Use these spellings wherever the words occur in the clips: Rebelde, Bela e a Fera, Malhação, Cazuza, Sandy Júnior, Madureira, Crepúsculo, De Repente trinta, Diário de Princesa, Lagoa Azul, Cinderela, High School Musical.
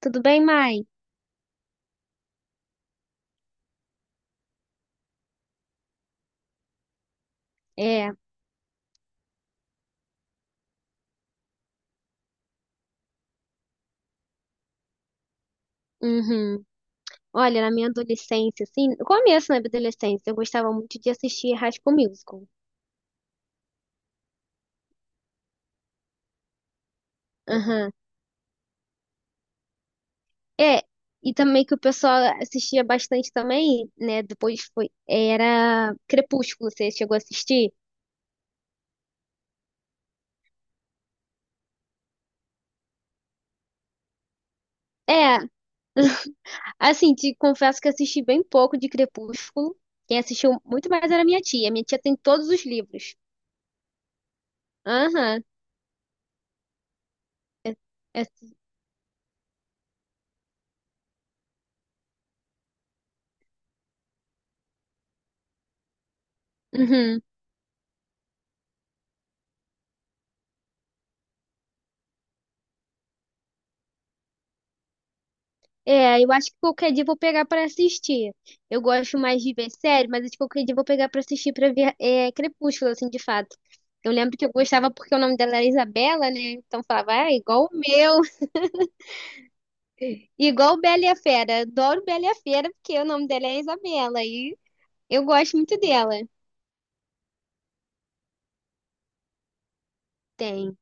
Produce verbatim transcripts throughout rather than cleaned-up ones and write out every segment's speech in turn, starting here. Tudo bem, mãe? É, uhum. Olha, na minha adolescência, assim, no começo né, da minha adolescência, eu gostava muito de assistir High School Musical. Aham. É, e também que o pessoal assistia bastante também, né? Depois foi, era Crepúsculo, você chegou a assistir? É, assim, te confesso que assisti bem pouco de Crepúsculo. Quem assistiu muito mais era minha tia. Minha tia tem todos os livros. Aham. É- é- Uhum. É, eu acho que qualquer dia eu vou pegar pra assistir. Eu gosto mais de ver série, mas acho que qualquer dia eu vou pegar pra assistir pra ver é, Crepúsculo, assim, de fato. Eu lembro que eu gostava porque o nome dela era Isabela, né? Então eu falava, ah, igual o meu, igual Bela e a Fera. Adoro Bela e a Fera porque o nome dela é Isabela e eu gosto muito dela. Tem.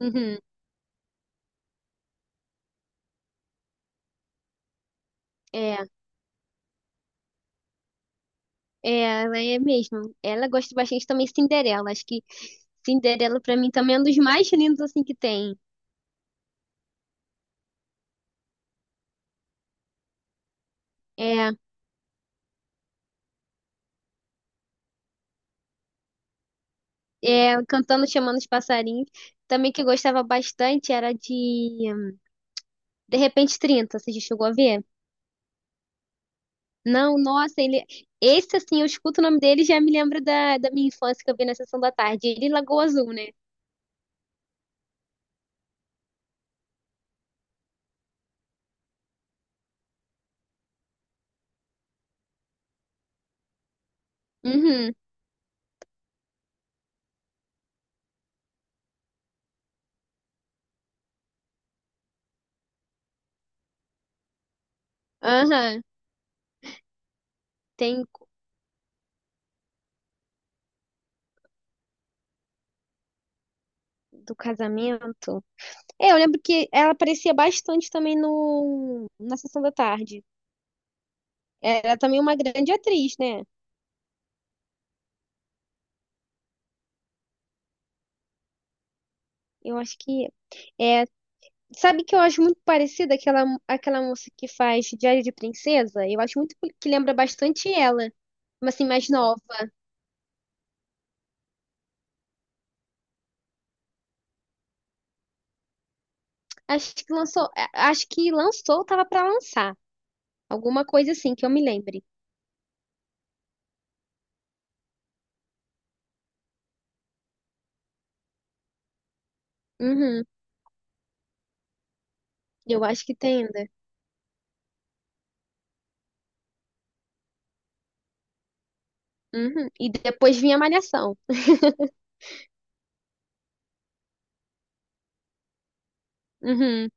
Uhum. É, é, ela é mesmo. Ela gosta bastante também de Cinderela. Acho que Cinderela pra mim também é um dos mais lindos assim que tem. É. É, cantando, chamando os passarinhos. Também que eu gostava bastante era de De Repente trinta. Você já chegou a ver? Não, nossa, ele. Esse, assim, eu escuto o nome dele e já me lembro da, da minha infância que eu vi na Sessão da Tarde. Ele e Lagoa Azul, né? Uhum, aham. Tem do casamento. É, eu lembro que ela aparecia bastante também no, na Sessão da Tarde. Era também uma grande atriz, né? Eu acho que. É. Sabe que eu acho muito parecida aquela, aquela moça que faz Diário de Princesa? Eu acho muito que lembra bastante ela, mas assim, mais nova. Acho que lançou, a- acho que lançou, tava pra lançar. Alguma coisa assim que eu me lembre. Uhum, eu acho que tem ainda. Uhum. E depois vinha Malhação. Uhum.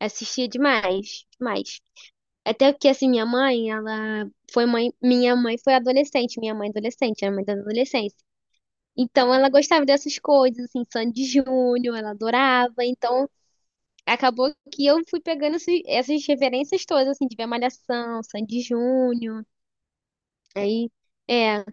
Assistia demais, demais. Até que assim, minha mãe, ela foi mãe, minha mãe foi adolescente, minha mãe adolescente, a mãe da adolescência. Então ela gostava dessas coisas, assim, Sandy Júnior, ela adorava. Então acabou que eu fui pegando esse- essas referências todas, assim, de ver Malhação, Sandy Júnior. Aí, é,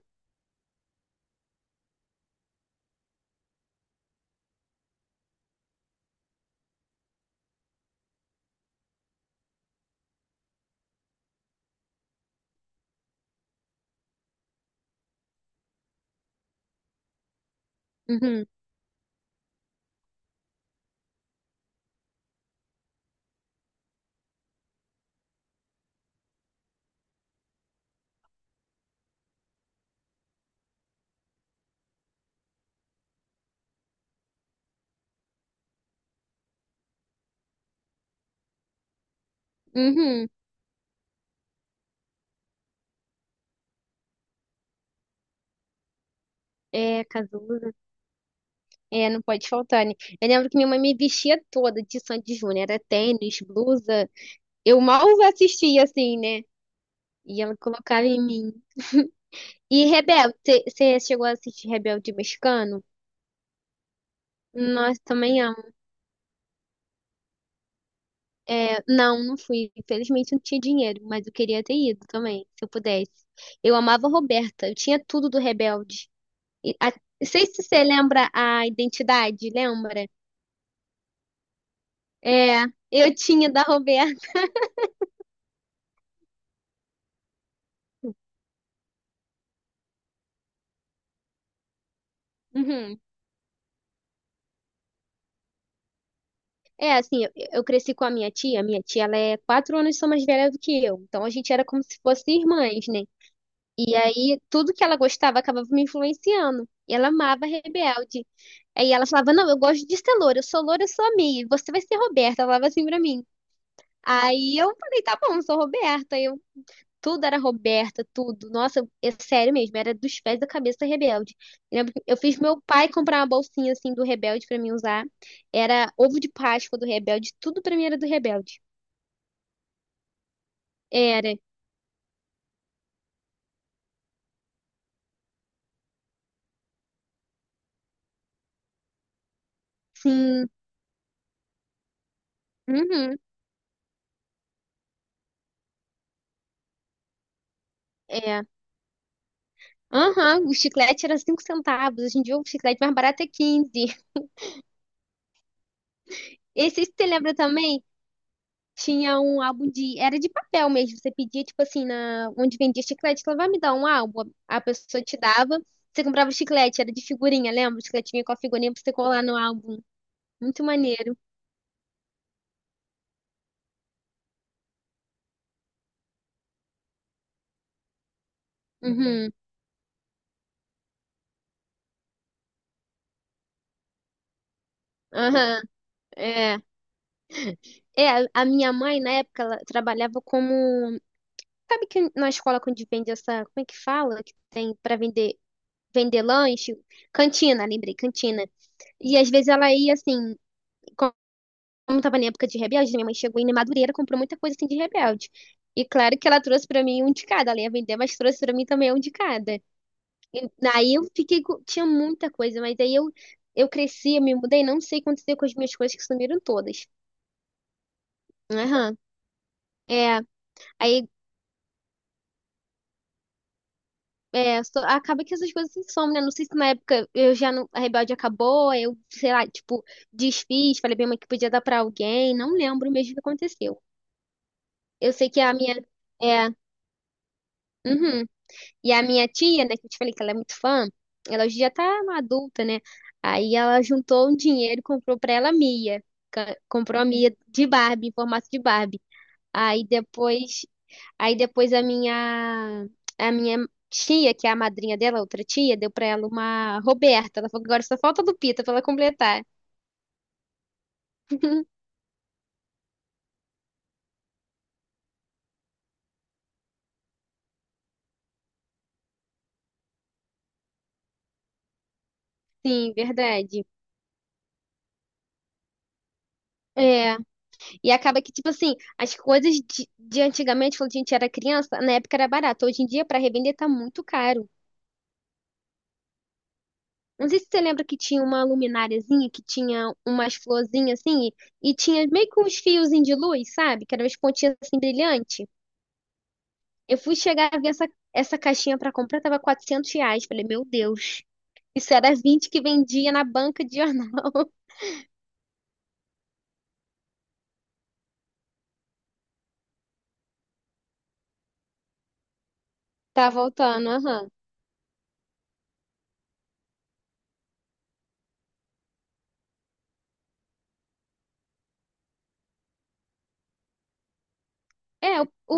uhum, uhum, é, Cazuza. É, não pode faltar, né? Eu lembro que minha mãe me vestia toda de Sandy Júnior, era tênis, blusa. Eu mal assistia, assim, né? E ela colocava em mim. E Rebelde, você chegou a assistir Rebelde Mexicano? Nossa, também. É, não, não fui. Infelizmente não tinha dinheiro, mas eu queria ter ido também, se eu pudesse. Eu amava a Roberta, eu tinha tudo do Rebelde. E a- não sei se você lembra a identidade, lembra? É, eu tinha da Roberta. Uhum. É, assim, eu, eu cresci com a minha tia. Minha tia, ela é quatro anos só mais velha do que eu. Então a gente era como se fosse irmãs, né? E aí, tudo que ela gostava acabava me influenciando. E ela amava Rebelde. Aí ela falava: Não, eu gosto de ser loura, eu sou loura, eu sou a Mia, você vai ser Roberta. Ela falava assim pra mim. Aí eu falei: Tá bom, eu sou Roberta. Aí Eu, tudo era Roberta, tudo. Nossa, é sério mesmo, era dos pés da cabeça Rebelde. Eu lembro que eu fiz meu pai comprar uma bolsinha assim do Rebelde pra mim usar. Era ovo de Páscoa do Rebelde, tudo pra mim era do Rebelde. Era, sim. Uhum. É. Aham, o chiclete era cinco centavos. Hoje em dia o chiclete mais barato é quinze. Esse, você lembra também? Tinha um álbum de. Era de papel mesmo. Você pedia, tipo assim, na, onde vendia chiclete, ela vai me dar um álbum. A pessoa te dava. Você comprava o chiclete, era de figurinha, lembra? O chiclete vinha com a figurinha pra você colar no álbum. Muito maneiro. Uhum. Aham. É. É, a a minha mãe, na época, ela trabalhava como. Sabe que na escola quando vende essa. Como é que fala? Que tem pra vender, vender lanche? Cantina, lembrei, cantina. E às vezes ela ia assim, como tava na época de Rebelde, minha mãe chegou em Madureira, comprou muita coisa assim de Rebelde. E claro que ela trouxe pra mim um de cada, ela ia vender, mas trouxe pra mim também um de cada. E aí eu fiquei, com- tinha muita coisa, mas aí eu eu cresci, eu me mudei, não sei o que aconteceu com as minhas coisas que sumiram todas. Aham. É, aí é, so- acaba que essas coisas se somem, né? Não sei se na época eu já não, a Rebelde acabou, aí eu, sei lá, tipo, desfiz, falei bem mãe que podia dar pra alguém, não lembro mesmo o que aconteceu. Eu sei que a minha é, uhum. E a minha tia, né, que eu te falei que ela é muito fã, ela hoje já tá uma adulta, né? Aí ela juntou um dinheiro e comprou pra ela a Mia. Ca- Comprou a Mia de Barbie, em formato de Barbie. Aí depois, aí depois a minha a minha tia, que é a madrinha dela, outra tia, deu pra ela uma Roberta. Ela falou que agora só falta a Lupita pra ela completar. Sim, verdade. É, e acaba que, tipo assim, as coisas de, de antigamente, quando a gente era criança, na época era barato. Hoje em dia, para revender, tá muito caro. Não sei se você lembra que tinha uma lumináriazinha, que tinha umas florzinhas assim, e, e tinha meio que uns fiozinhos de luz, sabe? Que eram umas pontinhas assim brilhante. Eu fui chegar a ver essa, essa caixinha para comprar, tava quatrocentos reais. Falei, meu Deus, isso era vinte que vendia na banca de jornal. Tá voltando, aham. É. o, o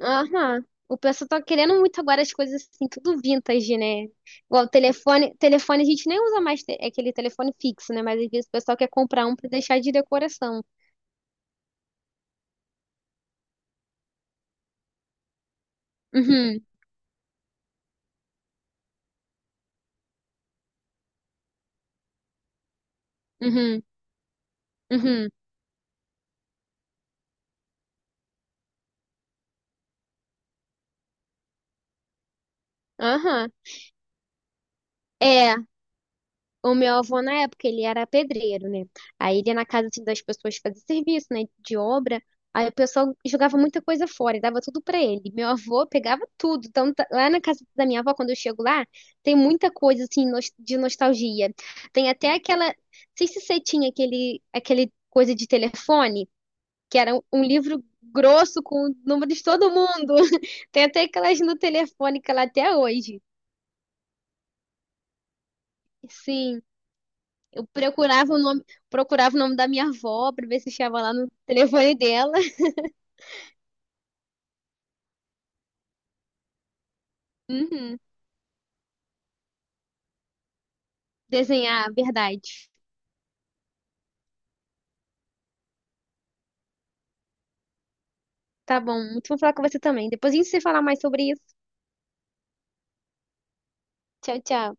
Aham. O pessoal tá querendo muito agora as coisas assim, tudo vintage, né? Igual o telefone, telefone a gente nem usa mais te- é aquele telefone fixo, né? Mas às vezes o pessoal quer comprar um pra deixar de decoração. Uhum, uhum, uhum. Aham. É. O meu avô, na época, ele era pedreiro, né? Aí ele ia na casa assim, das pessoas fazer serviço, né? De obra. Aí o pessoal jogava muita coisa fora e dava tudo pra ele. Meu avô pegava tudo. Então, tá- lá na casa da minha avó, quando eu chego lá, tem muita coisa assim nos- de nostalgia. Tem até aquela. Não sei se você tinha aquele, aquele coisa de telefone, que era um um livro grosso com o número de todo mundo. Tem até aquelas no telefone que lá até hoje. Sim. Eu procurava o nome, procurava o nome da minha avó pra ver se estava lá no telefone dela. Uhum. Desenhar, verdade. Tá bom, muito bom falar com você também. Depois a gente se falar mais sobre isso. Tchau, tchau.